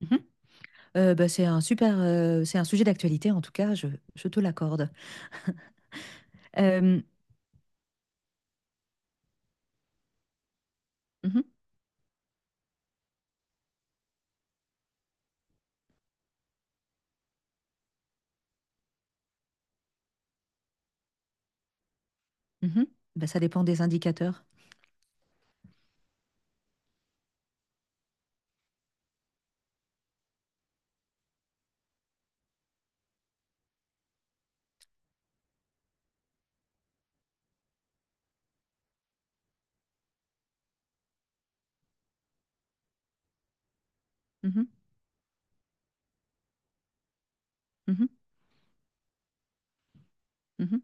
Mhm. Bah, c'est un sujet d'actualité en tout cas, je te l'accorde. Euh, mhm, mhm. Bah, ça dépend des indicateurs. Mhm, mhm, mhm,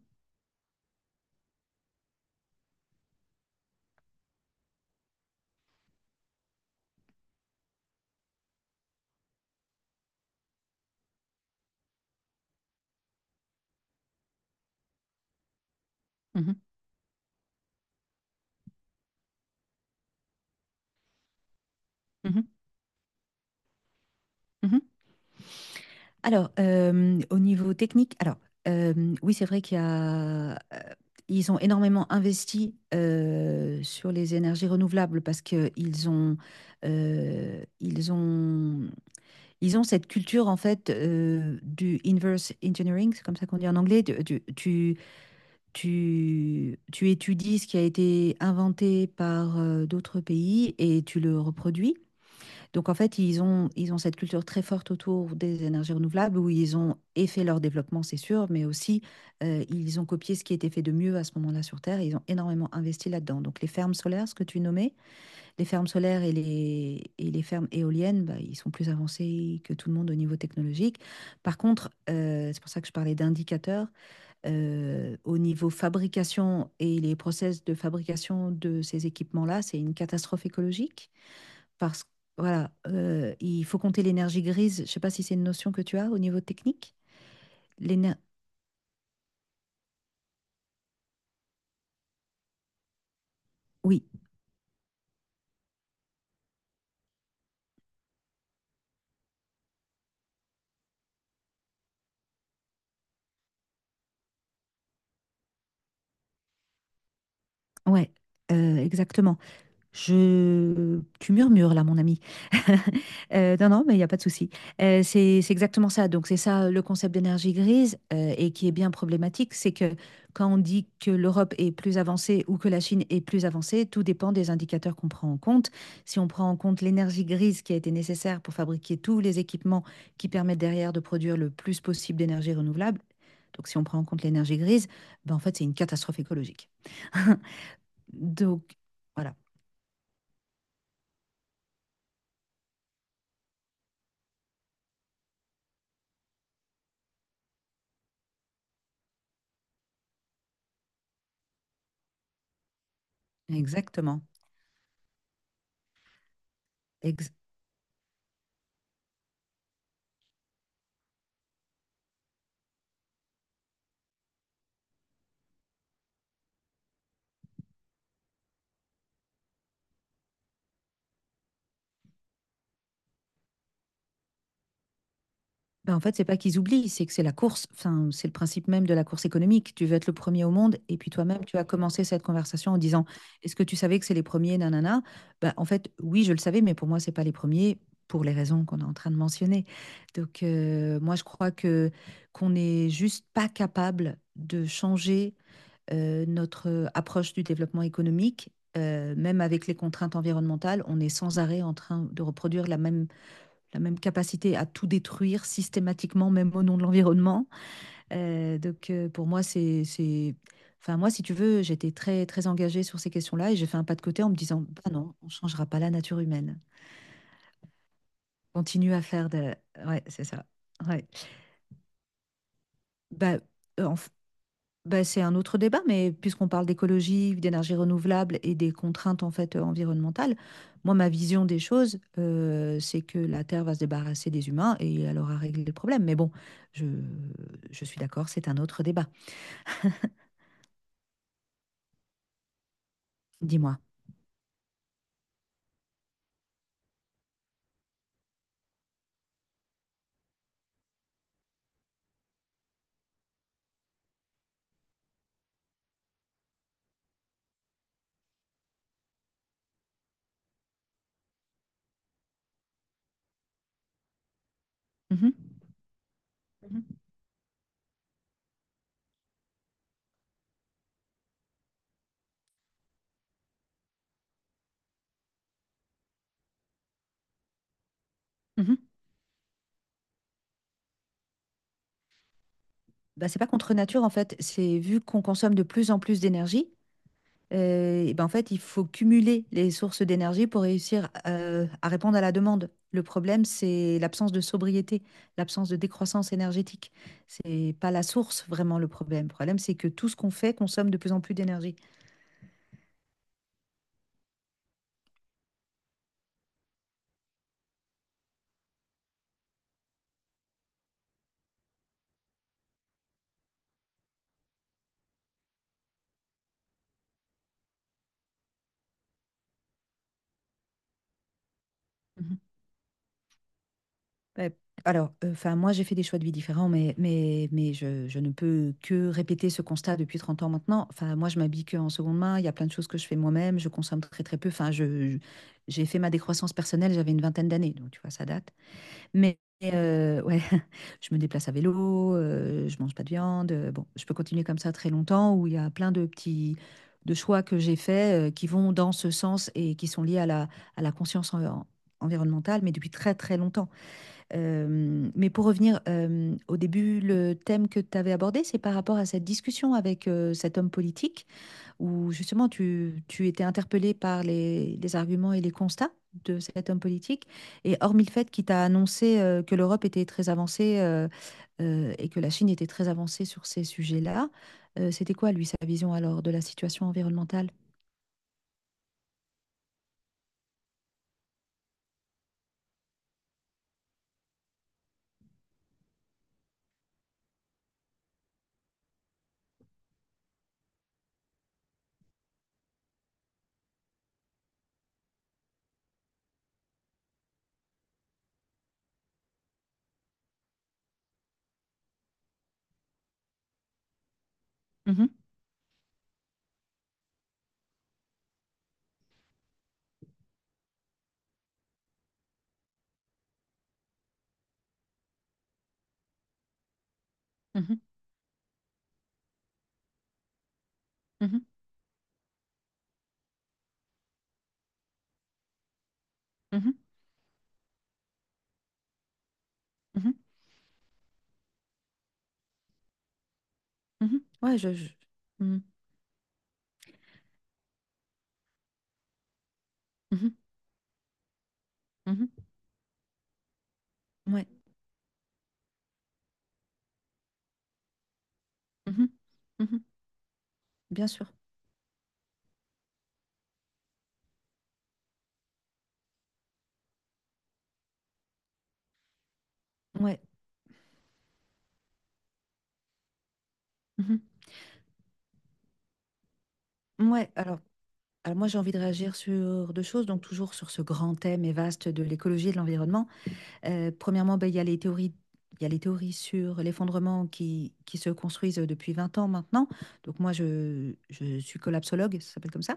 mhm, mhm, mhm. Alors, au niveau technique, alors, oui, c'est vrai ils ont énormément investi sur les énergies renouvelables parce que euh, ils ont Ils ont cette culture, en fait, du inverse engineering, c'est comme ça qu'on dit en anglais. Tu étudies ce qui a été inventé par d'autres pays et tu le reproduis. Donc, en fait, ils ont cette culture très forte autour des énergies renouvelables où ils ont et fait leur développement, c'est sûr, mais aussi, ils ont copié ce qui était fait de mieux à ce moment-là sur Terre et ils ont énormément investi là-dedans. Donc, les fermes solaires, ce que tu nommais, les fermes solaires et les fermes éoliennes, bah, ils sont plus avancés que tout le monde au niveau technologique. Par contre, c'est pour ça que je parlais d'indicateurs, au niveau fabrication et les process de fabrication de ces équipements-là, c'est une catastrophe écologique parce que, voilà, il faut compter l'énergie grise. Je ne sais pas si c'est une notion que tu as au niveau technique. L'éner- Oui, ouais, exactement. Tu murmures là, mon ami. Non, non, mais il n'y a pas de souci. C'est exactement ça. Donc, c'est ça le concept d'énergie grise, et qui est bien problématique. C'est que quand on dit que l'Europe est plus avancée ou que la Chine est plus avancée, tout dépend des indicateurs qu'on prend en compte. Si on prend en compte l'énergie grise qui a été nécessaire pour fabriquer tous les équipements qui permettent derrière de produire le plus possible d'énergie renouvelable, donc si on prend en compte l'énergie grise, ben, en fait, c'est une catastrophe écologique. Donc, voilà. Exactement. Ex- Ben, en fait, c'est pas qu'ils oublient, c'est que c'est la course. Enfin, c'est le principe même de la course économique. Tu veux être le premier au monde, et puis toi-même, tu as commencé cette conversation en disant, est-ce que tu savais que c'est les premiers, nanana? Ben, en fait, oui, je le savais, mais pour moi, c'est pas les premiers pour les raisons qu'on est en train de mentionner. Donc, moi, je crois que qu'on n'est juste pas capable de changer, notre approche du développement économique. Même avec les contraintes environnementales, on est sans arrêt en train de reproduire la même capacité à tout détruire systématiquement, même au nom de l'environnement. Pour moi, c'est... Enfin, moi, si tu veux, j'étais très, très engagée sur ces questions-là et j'ai fait un pas de côté en me disant, bah non, on ne changera pas la nature humaine. Continue à faire de... Ouais, c'est ça. Ouais. Bah, en Bah, c'est un autre débat, mais puisqu'on parle d'écologie, d'énergie renouvelable et des contraintes, en fait, environnementales, moi ma vision des choses, c'est que la Terre va se débarrasser des humains et elle aura réglé le problème. Mais bon, je, je suis d'accord, c'est un autre débat. Dis-moi. Mhm. Mhm. Mhm. Bah, c'est pas contre nature en fait, c'est vu qu'on consomme de plus en plus d'énergie. Et ben, en fait, il faut cumuler les sources d'énergie pour réussir, à répondre à la demande. Le problème, c'est l'absence de sobriété, l'absence de décroissance énergétique. C'est pas la source vraiment le problème. Le problème, c'est que tout ce qu'on fait consomme de plus en plus d'énergie. Mhm. Ouais. Alors, enfin, moi, j'ai fait des choix de vie différents, mais je ne peux que répéter ce constat depuis 30 ans maintenant. Enfin, moi, je m'habille que en seconde main. Il y a plein de choses que je fais moi-même. Je consomme très, très peu. Enfin, j'ai fait ma décroissance personnelle, j'avais une vingtaine d'années, donc tu vois, ça date. Mais, ouais, je me déplace à vélo, je mange pas de viande, bon, je peux continuer comme ça très longtemps où il y a plein de petits de choix que j'ai faits, qui vont dans ce sens et qui sont liés à la conscience environnementale, mais depuis très, très longtemps. Mais pour revenir, au début, le thème que tu avais abordé, c'est par rapport à cette discussion avec, cet homme politique où justement tu étais interpellé par les arguments et les constats de cet homme politique. Et hormis le fait qu'il t'a annoncé, que l'Europe était très avancée, et que la Chine était très avancée sur ces sujets-là, c'était quoi, lui, sa vision alors de la situation environnementale? Mhm, mhm, mhm, mhm, mhm, mhm. Ouais, mhm, mhm, mhm. Ouais. Mhm, mhm. Bien sûr. Ouais. Mhm. Ouais, alors... Alors moi, j'ai envie de réagir sur deux choses, donc toujours sur ce grand thème et vaste de l'écologie et de l'environnement. Premièrement, ben, il y a les théories sur l'effondrement qui se construisent depuis 20 ans maintenant. Donc moi, je suis collapsologue, ça s'appelle comme ça.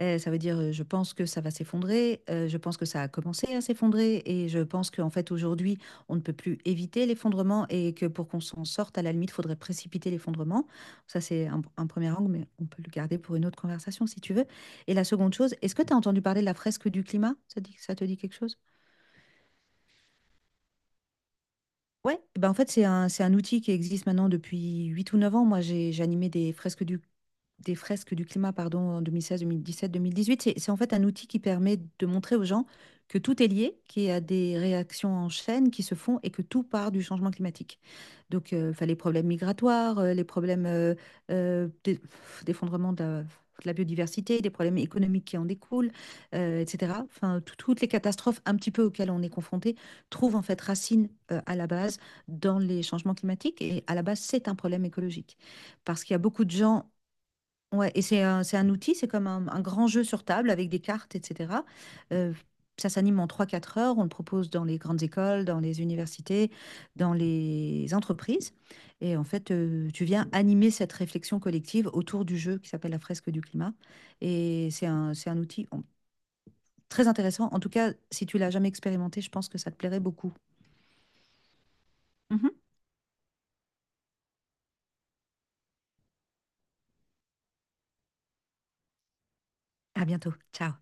Ça veut dire, je pense que ça va s'effondrer, je pense que ça a commencé à s'effondrer et je pense qu'en fait aujourd'hui, on ne peut plus éviter l'effondrement et que pour qu'on s'en sorte, à la limite, il faudrait précipiter l'effondrement. Ça, c'est un 1 angle, mais on peut le garder pour une autre conversation si tu veux et la seconde chose, est-ce que tu as entendu parler de la fresque du climat? Ça te dit quelque chose? Ouais, ben en fait, c'est un outil qui existe maintenant depuis 8 ou 9 ans. Moi, j'animais des fresques du climat, pardon, en 2016, 2017, 2018. C'est en fait un outil qui permet de montrer aux gens que tout est lié, qu'il y a des réactions en chaîne qui se font et que tout part du changement climatique. Donc, enfin, les problèmes migratoires, les problèmes, euh, d'e- d'effondrement de de la biodiversité, des problèmes économiques qui en découlent, etc. Enfin, toutes les catastrophes un petit peu auxquelles on est confronté trouvent en fait racine, à la base dans les changements climatiques et à la base, c'est un problème écologique parce qu'il y a beaucoup de gens. Ouais, et c'est un outil, c'est comme un grand jeu sur table avec des cartes, etc. Euh, Ça s'anime en 3 4 heures, on le propose dans les grandes écoles, dans les universités, dans les entreprises. Et en fait, tu viens animer cette réflexion collective autour du jeu qui s'appelle la fresque du climat. Et c'est un outil, très intéressant. En tout cas, si tu l'as jamais expérimenté, je pense que ça te plairait beaucoup. Mhm. À bientôt. Ciao.